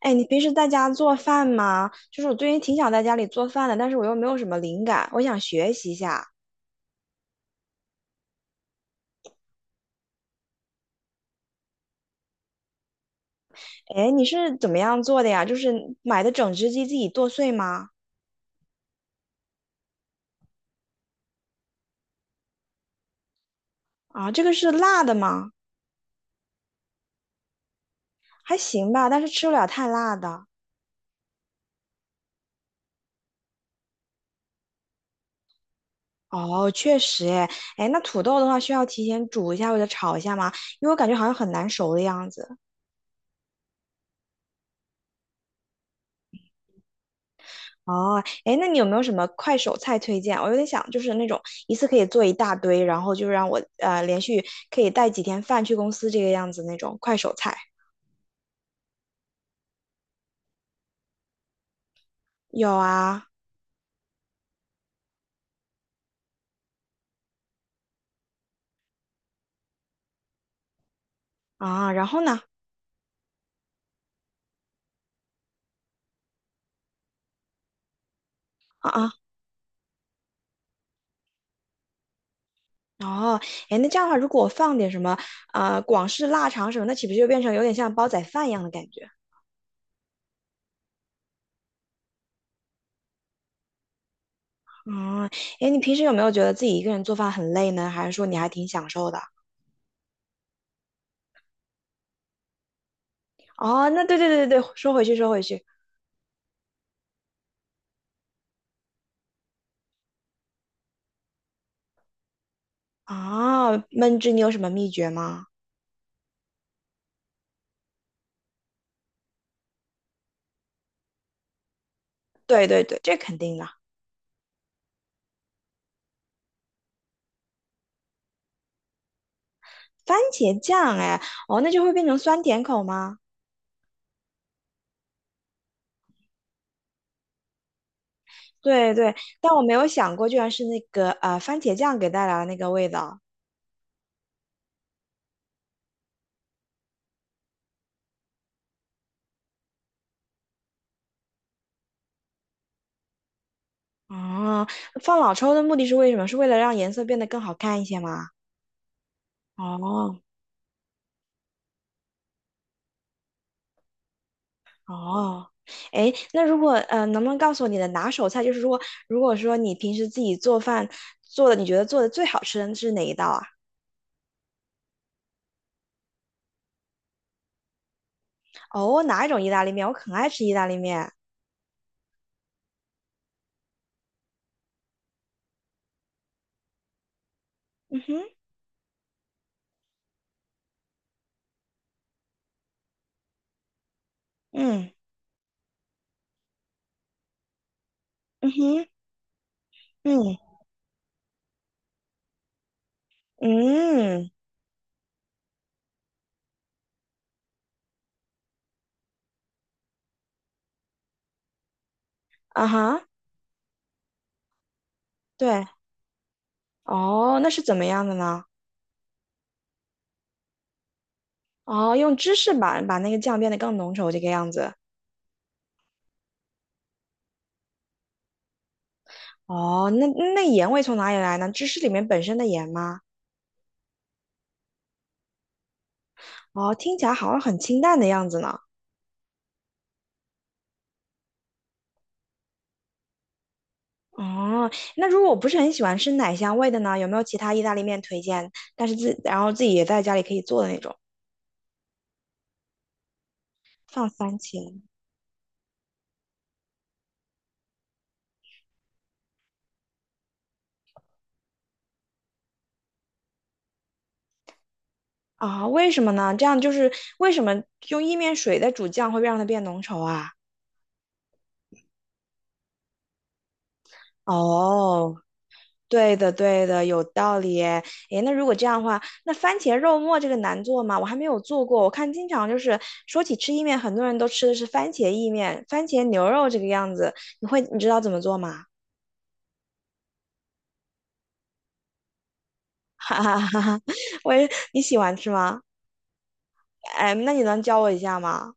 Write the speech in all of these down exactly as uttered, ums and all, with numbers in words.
哎，你平时在家做饭吗？就是我最近挺想在家里做饭的，但是我又没有什么灵感，我想学习一下。哎，你是怎么样做的呀？就是买的整只鸡自己剁碎吗？啊，这个是辣的吗？还行吧，但是吃不了太辣的。哦，确实，哎，哎，那土豆的话需要提前煮一下或者炒一下吗？因为我感觉好像很难熟的样子。哦，哎，那你有没有什么快手菜推荐啊？我有点想，就是那种一次可以做一大堆，然后就让我呃连续可以带几天饭去公司这个样子那种快手菜。有啊。啊，然后呢？啊啊。哦，哎，那这样的话，如果我放点什么呃广式腊肠什么，那岂不是就变成有点像煲仔饭一样的感觉？嗯。哎，你平时有没有觉得自己一个人做饭很累呢？还是说你还挺享受的？哦，那对对对对对，说回去说回去。啊，焖汁你有什么秘诀吗？对对对，这肯定的。番茄酱，哎，哦，那就会变成酸甜口吗？对对，但我没有想过，居然是那个呃番茄酱给带来的那个味道。哦，放老抽的目的是为什么？是为了让颜色变得更好看一些吗？哦哦。哎，那如果呃，能不能告诉我你的拿手菜？就是说，如果说你平时自己做饭做的，你觉得做的最好吃的是哪一道啊？哦，哪一种意大利面？我很爱吃意大利面。嗯哼。嗯嗯哼，嗯嗯嗯。啊哈，对。哦，那是怎么样的呢？哦，用芝士把把那个酱变得更浓稠这个样子。哦，那那盐味从哪里来呢？芝士里面本身的盐吗？哦，听起来好像很清淡的样子呢。哦，那如果我不是很喜欢吃奶香味的呢，有没有其他意大利面推荐？但是自然后自己也在家里可以做的那种，放番茄。啊？为什么呢？这样就是为什么用意面水在煮酱会让它变浓稠啊？哦，对的，对的，有道理诶。诶，那如果这样的话，那番茄肉末这个难做吗？我还没有做过。我看经常就是说起吃意面，很多人都吃的是番茄意面、番茄牛肉这个样子。你会，你知道怎么做吗？哈哈哈哈，我也，你喜欢吃吗？哎，那你能教我一下吗？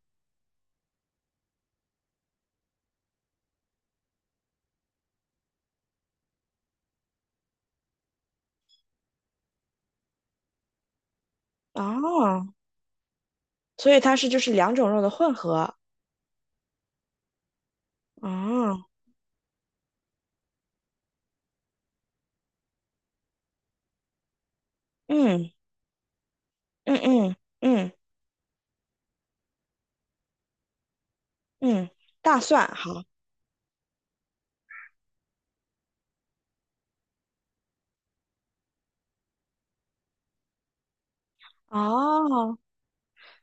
哦，所以它是就是两种肉的混合。哦。嗯嗯嗯嗯嗯，大蒜好。哦，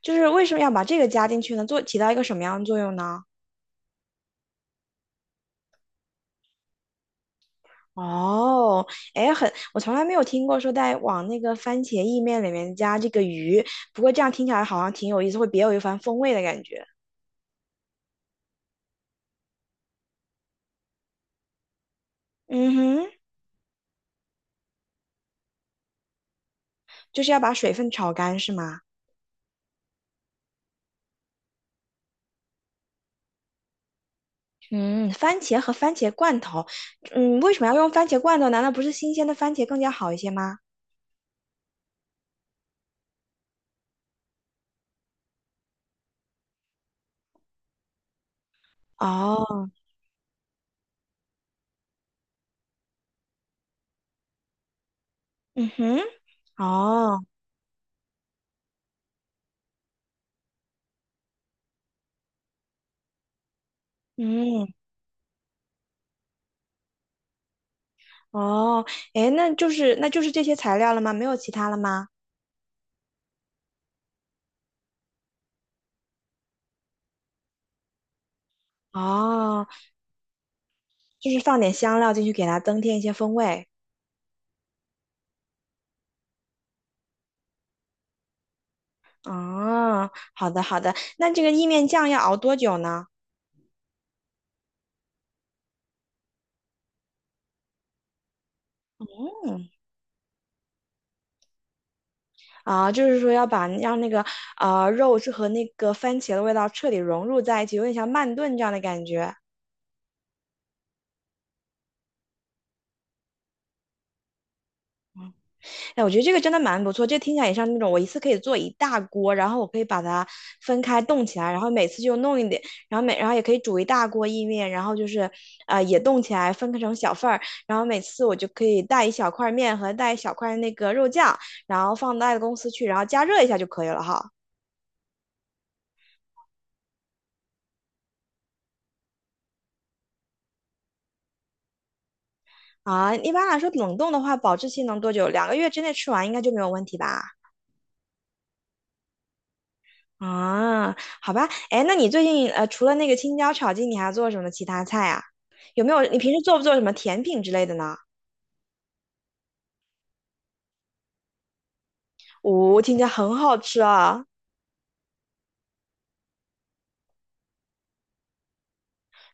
就是为什么要把这个加进去呢？做起到一个什么样的作用呢？哦，哎，很，我从来没有听过说在往那个番茄意面里面加这个鱼，不过这样听起来好像挺有意思，会别有一番风味的感觉。嗯哼，就是要把水分炒干是吗？嗯，番茄和番茄罐头，嗯，为什么要用番茄罐头？难道不是新鲜的番茄更加好一些吗？哦。嗯哼。哦。嗯。哦，哎，那就是那就是这些材料了吗？没有其他了吗？哦，就是放点香料进去给它增添一些风味。哦，好的好的，那这个意面酱要熬多久呢？啊，就是说要把让那个呃肉是和那个番茄的味道彻底融入在一起，有点像慢炖这样的感觉。哎，我觉得这个真的蛮不错，这听起来也像那种我一次可以做一大锅，然后我可以把它分开冻起来，然后每次就弄一点，然后每然后也可以煮一大锅意面，然后就是呃也冻起来分开成小份儿，然后每次我就可以带一小块面和带一小块那个肉酱，然后放到爱的公司去，然后加热一下就可以了哈。啊，一般来说，冷冻的话，保质期能多久？两个月之内吃完应该就没有问题吧？啊，好吧，哎，那你最近呃，除了那个青椒炒鸡，你还做什么其他菜啊？有没有？你平时做不做什么甜品之类的呢？哦，听起来很好吃啊！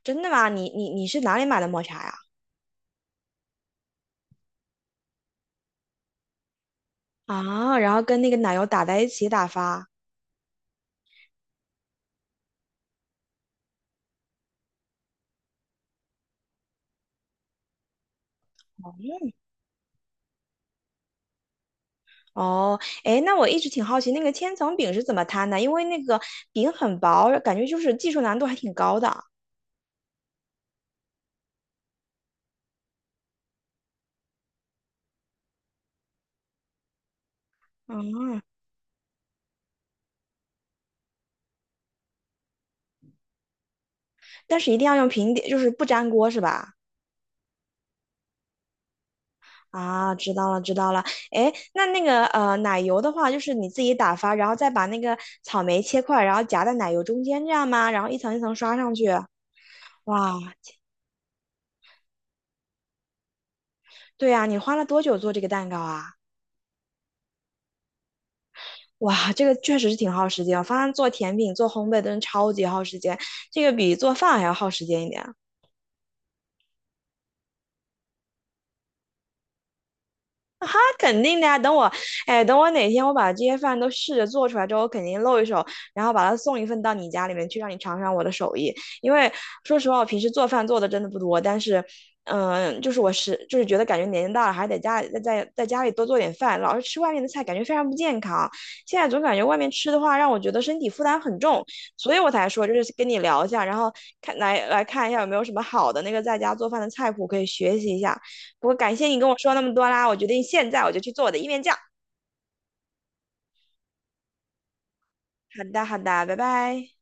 真的吗？你你你是哪里买的抹茶呀？啊，然后跟那个奶油打在一起打发。哦。哦哎，那我一直挺好奇那个千层饼是怎么摊的，因为那个饼很薄，感觉就是技术难度还挺高的。嗯。但是一定要用平底，就是不粘锅是吧？啊，知道了，知道了。哎，那那个呃，奶油的话，就是你自己打发，然后再把那个草莓切块，然后夹在奶油中间，这样吗？然后一层一层刷上去。哇，对呀，你花了多久做这个蛋糕啊？哇，这个确实是挺耗时间。我发现做甜品、做烘焙真的超级耗时间，这个比做饭还要耗时间一点。肯定的呀。等我，哎，等我哪天我把这些饭都试着做出来之后，我肯定露一手，然后把它送一份到你家里面去，让你尝尝我的手艺。因为说实话，我平时做饭做的真的不多，但是，嗯，就是我是就是觉得感觉年龄大了，还得家里在在在家里多做点饭，老是吃外面的菜，感觉非常不健康。现在总感觉外面吃的话，让我觉得身体负担很重，所以我才说就是跟你聊一下，然后看来来看一下有没有什么好的那个在家做饭的菜谱可以学习一下。我感谢你跟我说那么多啦，我决定现在我就去做我的意面酱。好的，好的，拜拜。